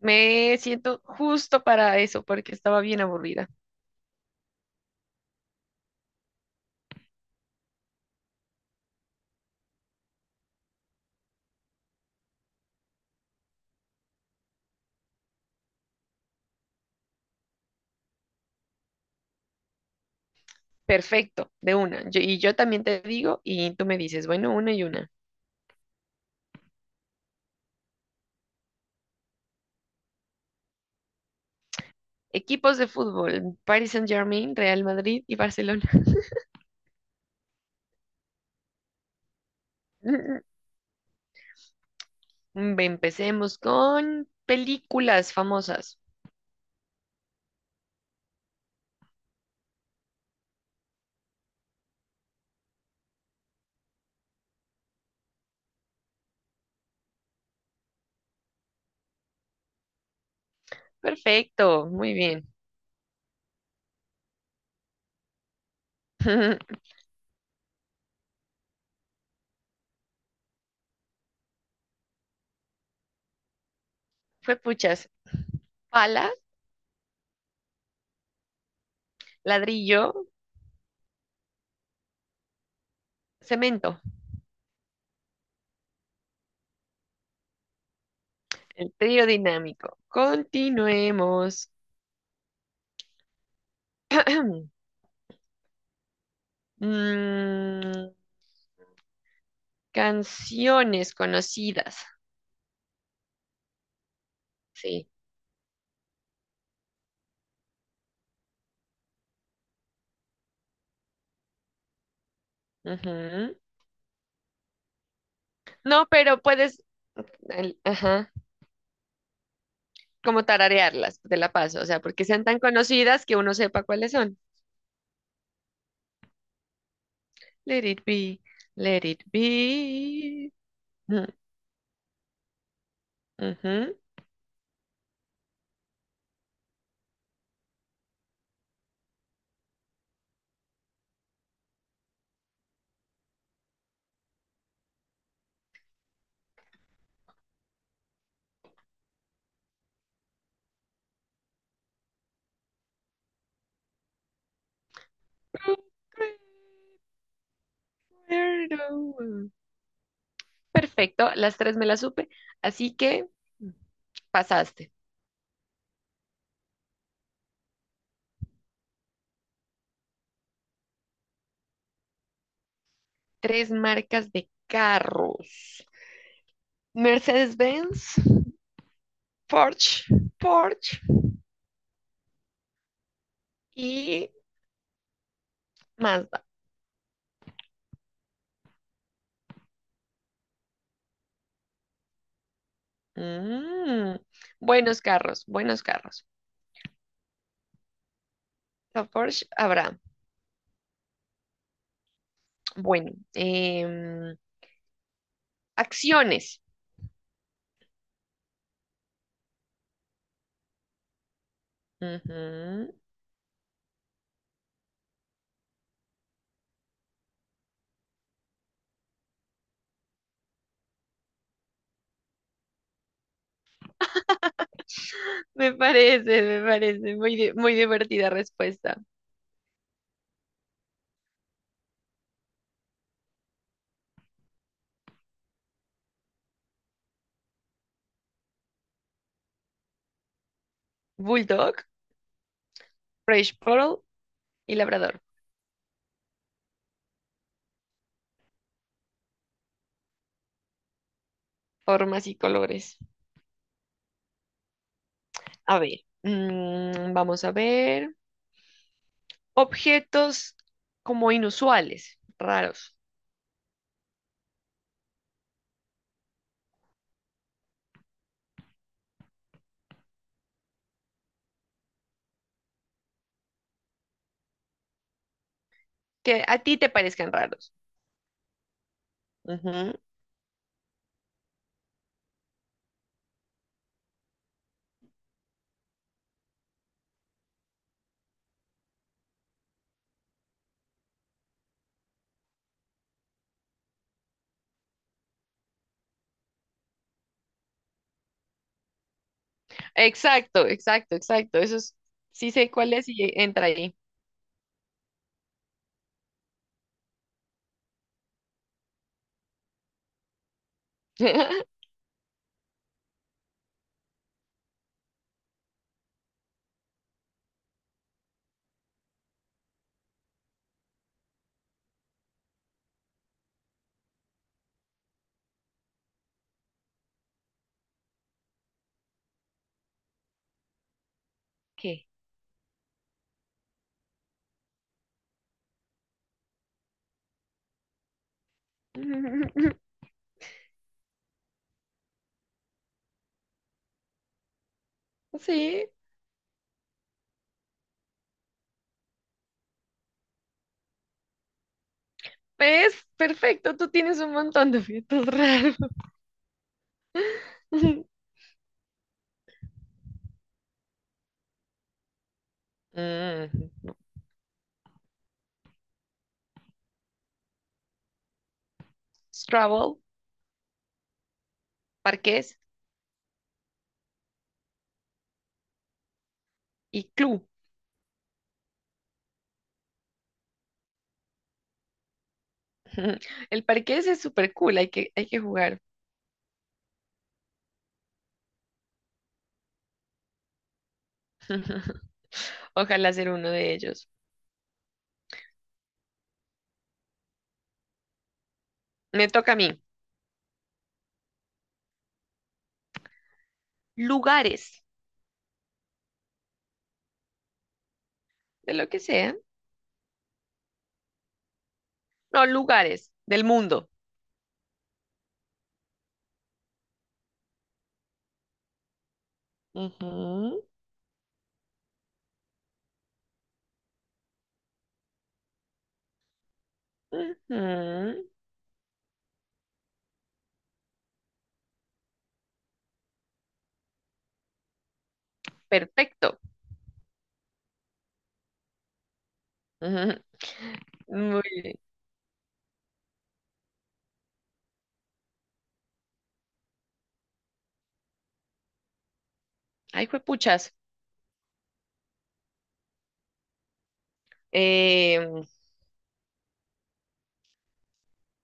Me siento justo para eso porque estaba bien aburrida. Perfecto, de una. Y yo también te digo y tú me dices, bueno, una y una. Equipos de fútbol, Paris Saint-Germain, Real Madrid y Barcelona. Empecemos con películas famosas. Perfecto, muy bien. Fue puchas. Pala, ladrillo, cemento. El trío dinámico. Continuemos. Mm, Canciones conocidas, sí. Ujú. No, pero puedes, ajá, como tararearlas, te la paso, o sea, porque sean tan conocidas que uno sepa cuáles son. Let it be, let it be. Ujú, ujú. Perfecto, las tres me las supe, así que pasaste. Tres marcas de carros. Mercedes-Benz, Porsche, Porsche y Mazda. Mm, buenos carros, buenos carros. A Porsche habrá. Bueno, acciones. Ujú. Me parece, me parece. Muy, muy divertida respuesta. Bulldog, French Poodle y Labrador. Formas y colores. A ver, mm, vamos a ver. Objetos como inusuales, raros, que a ti te parezcan raros. Ujú. Exacto, exacto, exacto. Eso es, sí sé cuál es y entra ahí. ¿Qué? Sí, es perfecto. Tú tienes un montón de objetos raros. Mm, Scrabble, parqués y Clue. El parqués es súper cool, hay que jugar. Ojalá ser uno de ellos. Me toca a mí. Lugares, de lo que sea. No, lugares del mundo. Ujú, ujú. Perfecto. Ujú. Muy bien. Ay, juepuchas.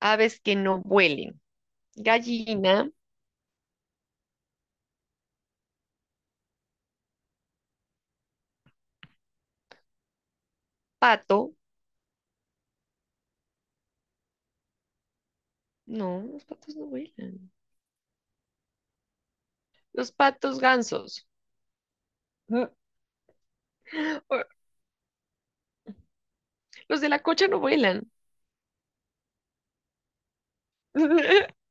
Aves que no vuelen. Gallina, pato. No, los patos no vuelan. Los patos gansos. Los de la cocha no vuelan.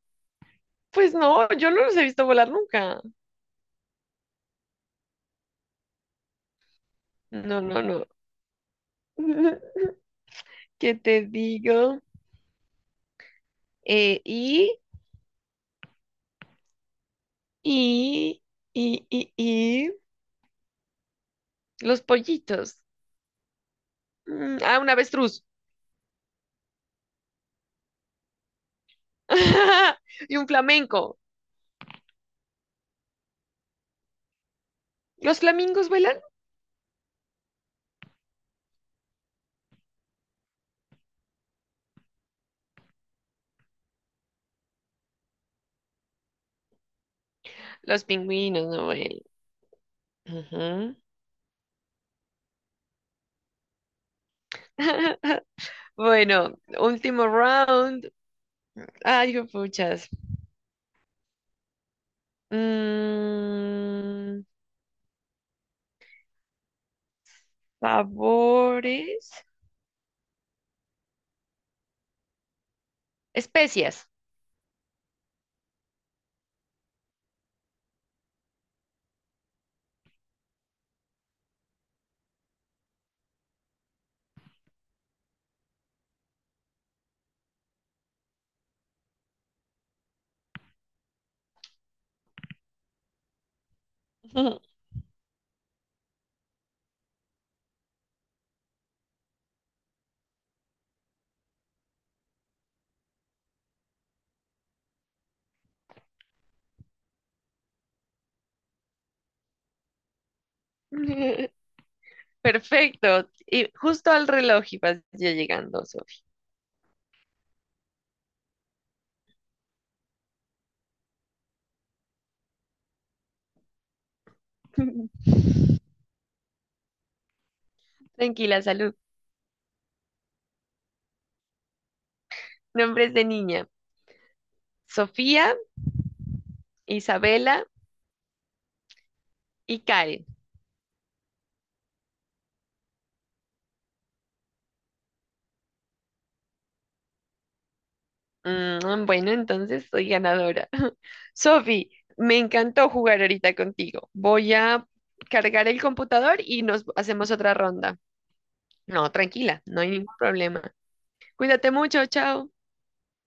Pues no, yo no los he visto volar nunca. No, no, no. ¿Qué te digo? Eh, y, y, y, y, y, los pollitos. Ah, un avestruz. Y un flamenco. ¿Los flamingos vuelan? Los pingüinos no vuelan. Ujú. Bueno, último round. Ay, puchas. Mm, sabores. Especias. Perfecto. Y justo al reloj ibas ya llegando, Sofía. Tranquila, salud. Nombres de niña. Sofía, Isabela y Karen. Mm, bueno, entonces soy ganadora. Sofi, me encantó jugar ahorita contigo. Voy a cargar el computador y nos hacemos otra ronda. No, tranquila, no hay ningún problema. Cuídate mucho, chao.